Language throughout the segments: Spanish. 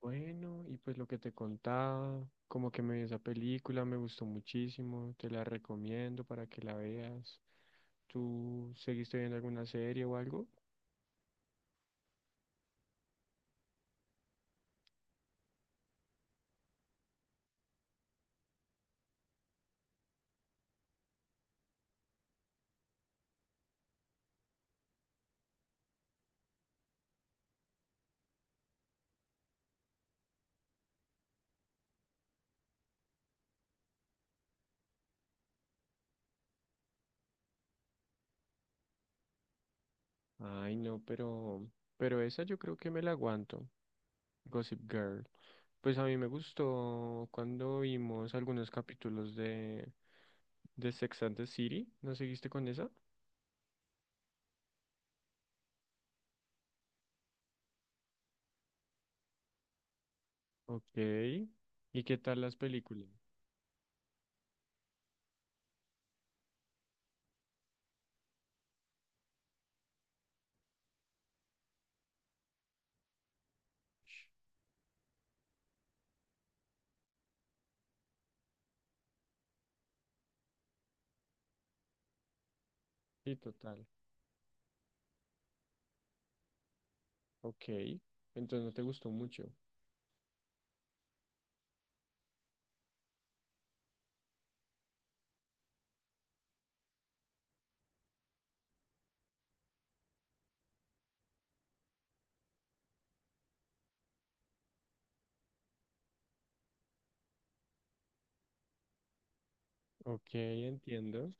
Bueno, y pues lo que te contaba, como que me vi esa película, me gustó muchísimo, te la recomiendo para que la veas. ¿Tú seguiste viendo alguna serie o algo? Ay, no, pero esa yo creo que me la aguanto, Gossip Girl. Pues a mí me gustó cuando vimos algunos capítulos de Sex and the City, ¿no seguiste con esa? Ok, ¿y qué tal las películas? Sí, total, ok, entonces no te gustó mucho. Ok, entiendo.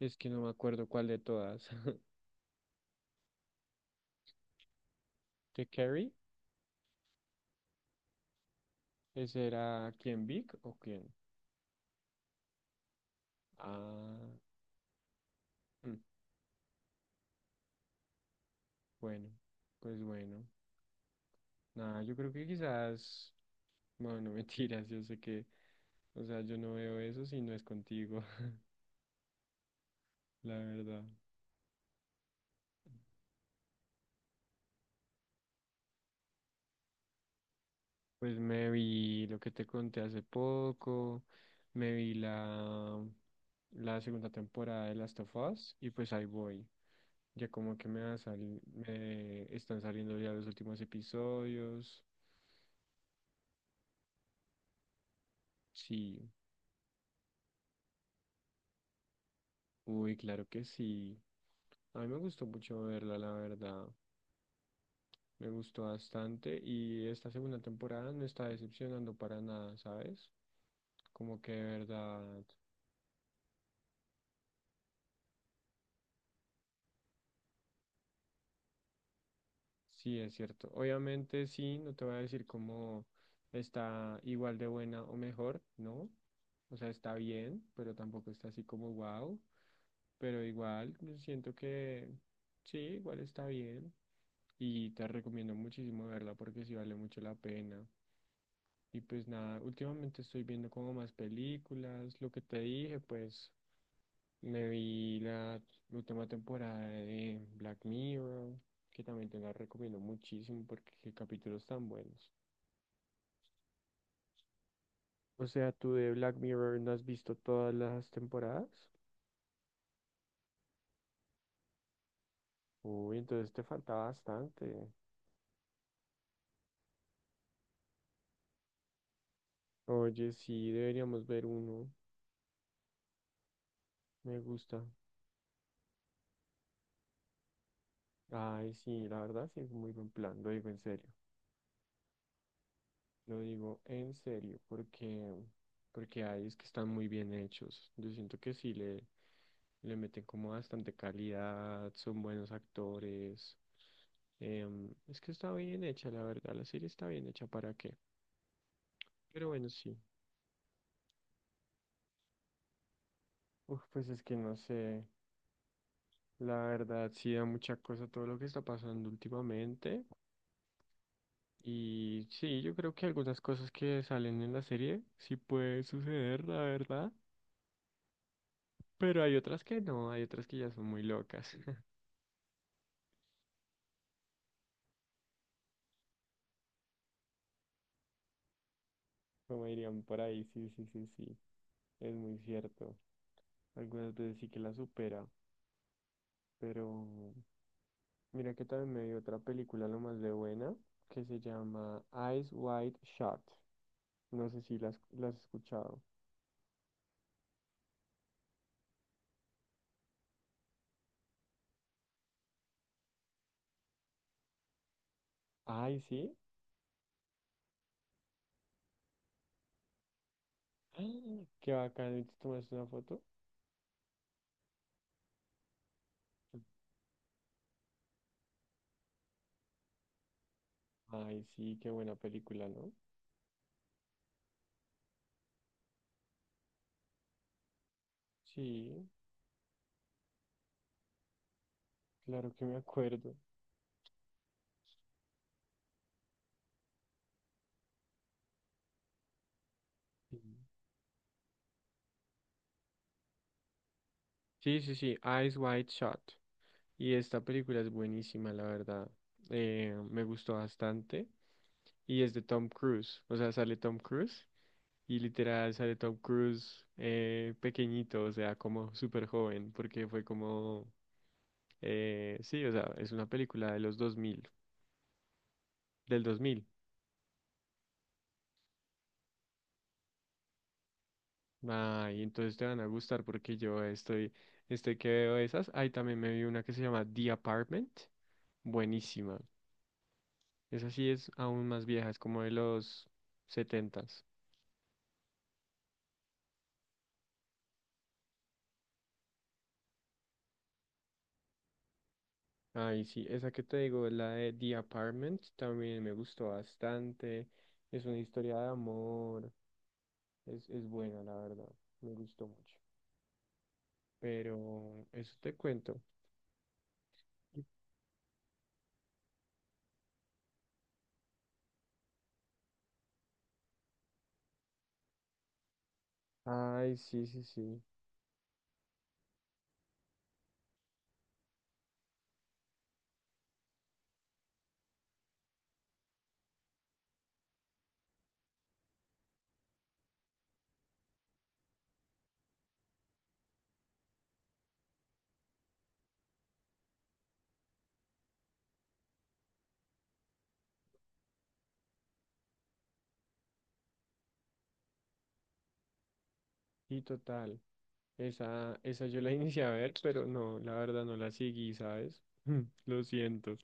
Es que no me acuerdo cuál de todas. ¿De carry? ¿Ese era quién, Vic o quién? Ah, mm, bueno, pues bueno. Nada, yo creo que quizás, bueno, no mentiras, yo sé que, o sea, yo no veo eso si no es contigo, la verdad. Pues me vi lo que te conté hace poco, me vi la segunda temporada de Last of Us y pues ahí voy. Ya como que me, me están saliendo ya los últimos episodios. Sí, uy, claro que sí. A mí me gustó mucho verla, la verdad. Me gustó bastante y esta segunda temporada no está decepcionando para nada, ¿sabes? Como que de verdad, sí es cierto. Obviamente sí, no te voy a decir cómo está igual de buena o mejor, ¿no? O sea, está bien, pero tampoco está así como wow. Pero igual, yo siento que sí, igual está bien. Y te recomiendo muchísimo verla porque sí vale mucho la pena. Y pues nada, últimamente estoy viendo como más películas. Lo que te dije, pues me vi la última temporada de Black Mirror, que también te la recomiendo muchísimo porque qué capítulos tan buenos. O sea, ¿tú de Black Mirror no has visto todas las temporadas? Uy, entonces te falta bastante. Oye, sí, deberíamos ver uno. Me gusta. Ay, sí, la verdad sí es muy buen plan, lo digo en serio. Lo digo en serio, porque, porque hay es que están muy bien hechos. Yo siento que sí le meten como bastante calidad, son buenos actores. Es que está bien hecha, la verdad. La serie está bien hecha, ¿para qué? Pero bueno, sí. Uf, pues es que no sé. La verdad, sí da mucha cosa todo lo que está pasando últimamente. Y sí, yo creo que algunas cosas que salen en la serie sí puede suceder, la verdad. Pero hay otras que no, hay otras que ya son muy locas. Como dirían por ahí, sí, sí, sí, sí. Es muy cierto. Algunas veces sí que la supera. Pero mira que también me vi otra película lo más de buena que se llama Eyes Wide Shut. No sé si la has escuchado. Ay, sí. ¡Ah! Qué bacán. ¿Y ¿Te tomaste una foto? Ay, sí, qué buena película, ¿no? Sí, claro que me acuerdo. Sí, sí, sí, sí, Eyes Wide Shut. Y esta película es buenísima, la verdad. Me gustó bastante. Y es de Tom Cruise. O sea, sale Tom Cruise. Y literal sale Tom Cruise pequeñito, o sea, como súper joven. Porque fue como... sí, o sea, es una película de los dos mil. Del 2000. Ay, entonces te van a gustar porque yo estoy... Estoy que veo esas. Ahí también me vi una que se llama The Apartment. Buenísima. Esa sí es aún más vieja, es como de los 70. Ay, sí, esa que te digo, la de The Apartment, también me gustó bastante. Es una historia de amor, es buena, la verdad, me gustó mucho. Pero eso te cuento. Ay, sí, sí, sí. Y total, esa yo la inicié a ver, pero no, la verdad no la seguí, ¿sabes? Lo siento,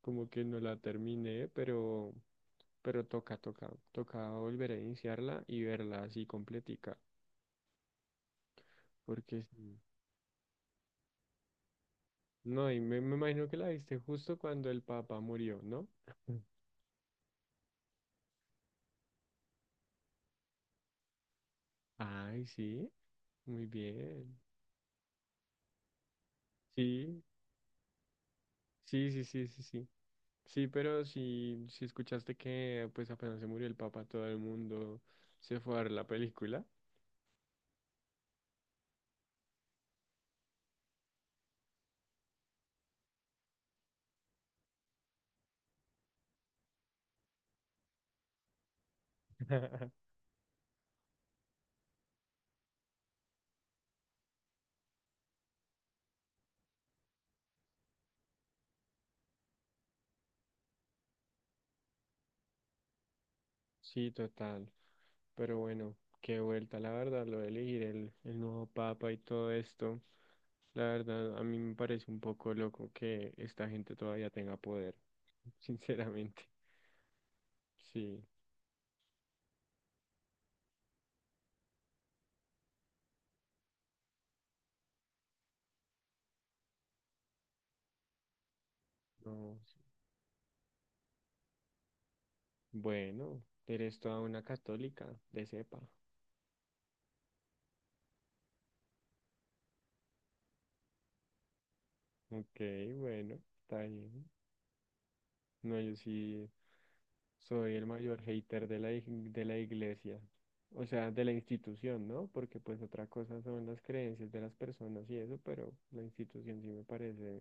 como que no la terminé, pero toca, toca, toca volver a iniciarla y verla así completica, porque sí. No, y me imagino que la viste justo cuando el papá murió, ¿no? Ay, sí, muy bien. Sí, sí, sí, sí, sí, sí. Sí, pero si escuchaste que pues apenas se murió el papá, todo el mundo se fue a ver la película. Sí, total. Pero bueno, qué vuelta, la verdad, lo de elegir el nuevo papa y todo esto. La verdad, a mí me parece un poco loco que esta gente todavía tenga poder, sinceramente. Sí, no. Bueno, eres toda una católica, de cepa. Ok, bueno, está bien. No, yo sí soy el mayor hater de la, de la iglesia, o sea, de la institución, ¿no? Porque pues otra cosa son las creencias de las personas y eso, pero la institución sí me parece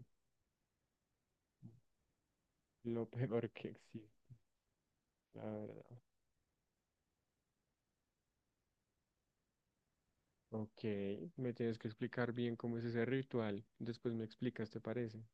lo peor que existe, la verdad. Ok, me tienes que explicar bien cómo es ese ritual. Después me explicas, ¿te parece?